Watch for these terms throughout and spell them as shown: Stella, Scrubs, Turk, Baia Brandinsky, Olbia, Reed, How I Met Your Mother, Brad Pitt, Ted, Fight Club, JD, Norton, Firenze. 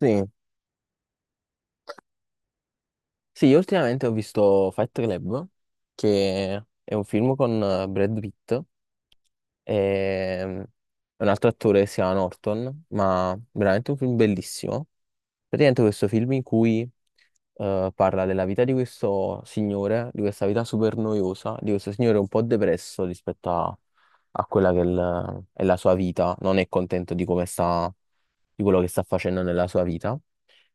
Sì, sì, io ultimamente ho visto Fight Club, che è un film con Brad Pitt e un altro attore che si chiama Norton, ma veramente un film bellissimo. Praticamente questo film in cui parla della vita di questo signore, di questa vita super noiosa, di questo signore un po' depresso rispetto a quella che è, è la sua vita, non è contento di come sta, di quello che sta facendo nella sua vita,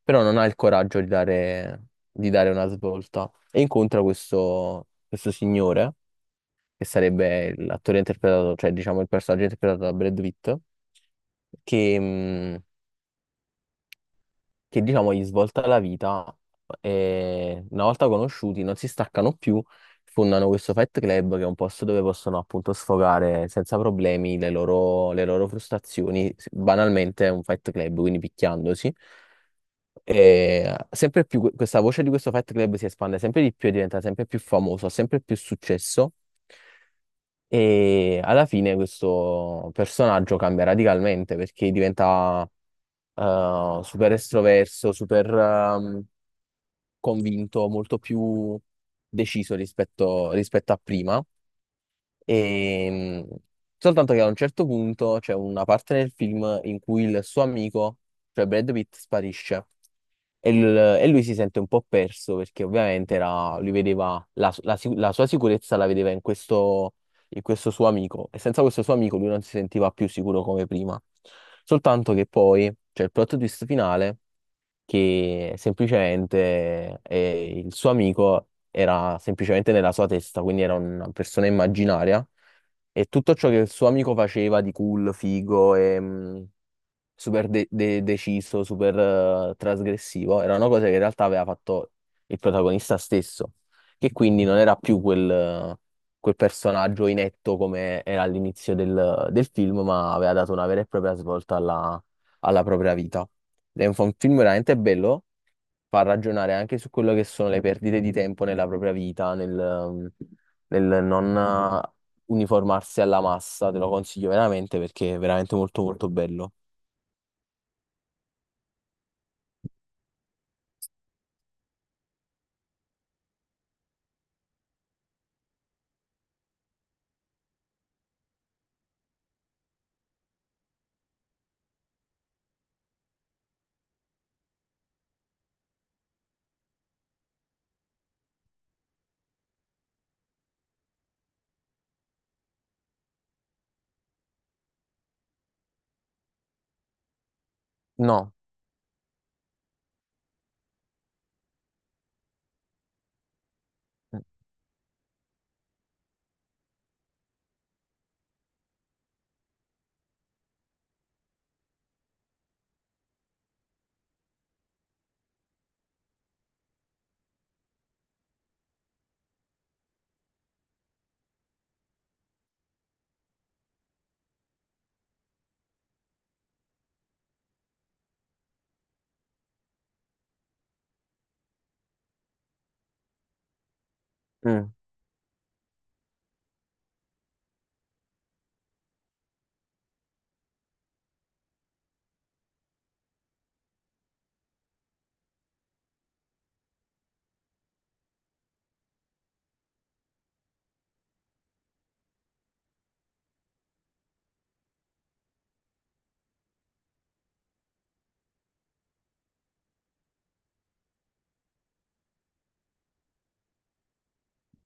però non ha il coraggio di dare, una svolta e incontra questo signore, che sarebbe l'attore interpretato, cioè diciamo il personaggio interpretato da Brad Pitt, che, mh, che diciamo gli svolta la vita e, una volta conosciuti, non si staccano più, fondano questo Fight Club che è un posto dove possono appunto sfogare senza problemi le loro frustrazioni, banalmente è un Fight Club, quindi picchiandosi. E sempre più questa voce di questo Fight Club si espande sempre di più e diventa sempre più famoso, ha sempre più successo. E alla fine questo personaggio cambia radicalmente perché diventa super estroverso, super convinto, molto più deciso rispetto, a prima. E, mh, soltanto che a un certo punto c'è una parte nel film in cui il suo amico, cioè Brad Pitt, sparisce. E lui si sente un po' perso perché ovviamente era, lui vedeva la sua sicurezza, la vedeva in questo suo amico, e senza questo suo amico lui non si sentiva più sicuro come prima. Soltanto che poi c'è il plot twist finale, che semplicemente il suo amico era semplicemente nella sua testa, quindi era una persona immaginaria, e tutto ciò che il suo amico faceva di cool, figo e, super deciso, super trasgressivo, era una cosa che in realtà aveva fatto il protagonista stesso, che quindi non era più quel personaggio inetto come era all'inizio del, film, ma aveva dato una vera e propria svolta alla propria vita. Ed è un film veramente bello, fa ragionare anche su quello che sono le perdite di tempo nella propria vita, nel non eh, uniformarsi alla massa. Te lo consiglio veramente perché è veramente molto molto bello. No. Mm,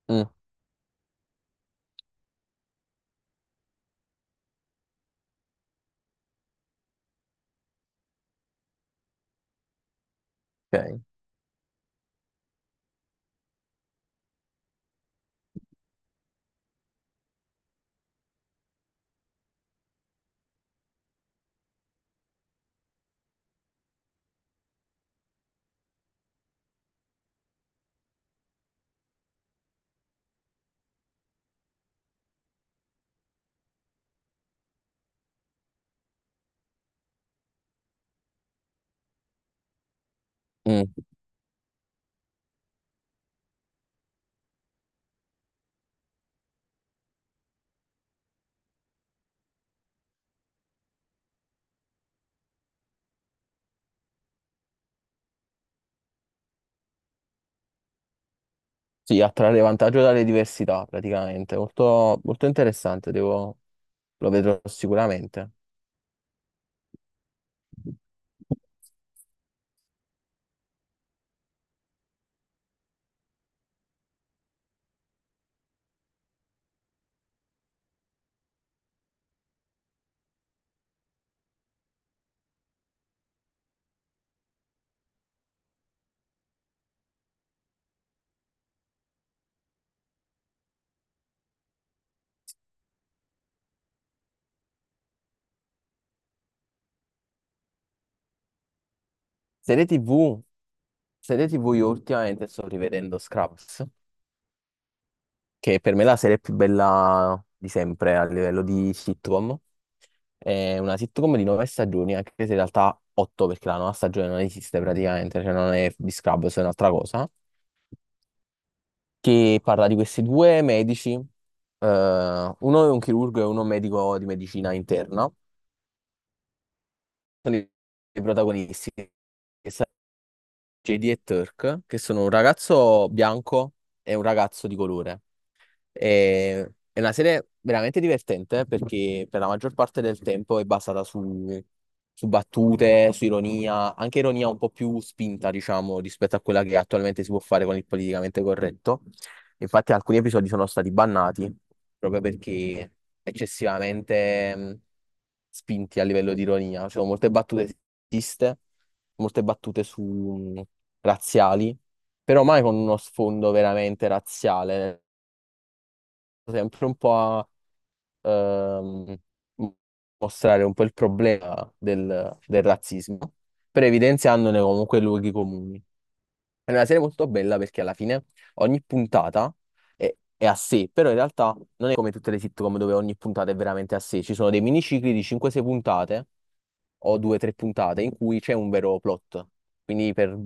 mm, ok. Mm. Sì, a trarre vantaggio dalle diversità praticamente. Molto, molto interessante, lo vedrò sicuramente. Serie TV, serie TV io ultimamente sto rivedendo Scraps, che per me è la serie più bella di sempre a livello di sitcom. È una sitcom di nove stagioni, anche se in realtà otto, perché la nona stagione non esiste praticamente, cioè non è di Scrubs, è un'altra cosa. Che parla di questi due medici, uno è un chirurgo e uno è un medico di medicina interna, sono i protagonisti, che sono JD e Turk, che sono un ragazzo bianco e un ragazzo di colore. È una serie veramente divertente, perché per la maggior parte del tempo è basata su, su battute, su ironia, anche ironia un po' più spinta, diciamo, rispetto a quella che attualmente si può fare con il politicamente corretto. Infatti alcuni episodi sono stati bannati proprio perché eccessivamente spinti a livello di ironia. Ci sono molte battute sessiste, molte battute su razziali, però mai con uno sfondo veramente razziale, sempre un po' a ehm, mostrare un po' il problema del razzismo, però evidenziandone comunque i luoghi comuni. È una serie molto bella perché alla fine ogni puntata è a sé, però in realtà non è come tutte le sitcom dove ogni puntata è veramente a sé. Ci sono dei minicicli di 5-6 puntate o 2-3 puntate in cui c'è un vero plot. Quindi per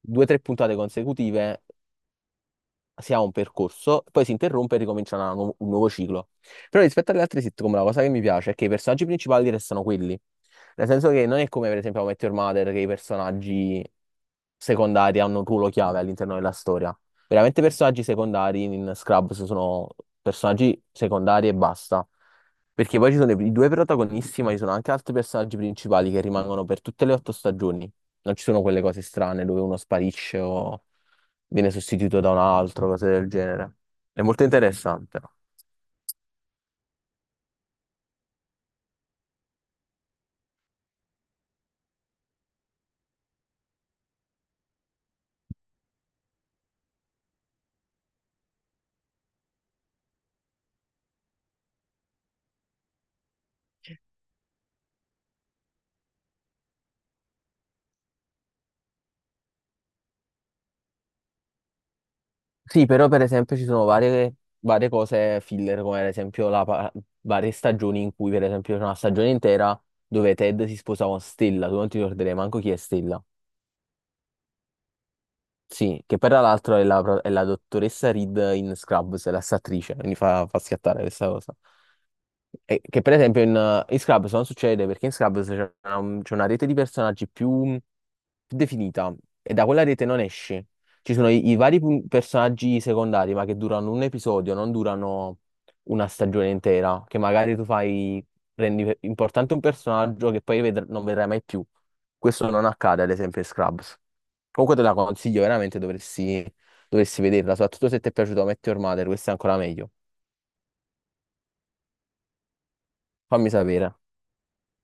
2-3 puntate consecutive si ha un percorso, poi si interrompe e ricomincia una un nuovo ciclo. Però rispetto alle altre sitcom, la cosa che mi piace è che i personaggi principali restano quelli. Nel senso che non è come, per esempio, How I Met Your Mother, che i personaggi secondari hanno un ruolo chiave all'interno della storia. Veramente i personaggi secondari in Scrubs sono personaggi secondari e basta. Perché poi ci sono i due protagonisti, ma ci sono anche altri personaggi principali che rimangono per tutte le otto stagioni. Non ci sono quelle cose strane dove uno sparisce o viene sostituito da un altro, cose del genere. È molto interessante. Sì, però per esempio ci sono varie, cose filler, come ad esempio varie stagioni in cui per esempio c'è una stagione intera dove Ted si sposa con Stella, tu non ti ricorderai manco chi è Stella. Sì, che tra l'altro è la, è la dottoressa Reed in Scrubs, è la stessa attrice, quindi fa, schiattare questa cosa. E che per esempio in Scrubs non succede, perché in Scrubs c'è una, rete di personaggi più definita, e da quella rete non esci. Ci sono i vari personaggi secondari, ma che durano un episodio, non durano una stagione intera, che magari tu rendi importante un personaggio che poi non vedrai mai più. Questo non accade, ad esempio, in Scrubs. Comunque te la consiglio, veramente dovresti, vederla, soprattutto se ti è piaciuto Met Your Mother, questo è ancora meglio. Fammi sapere.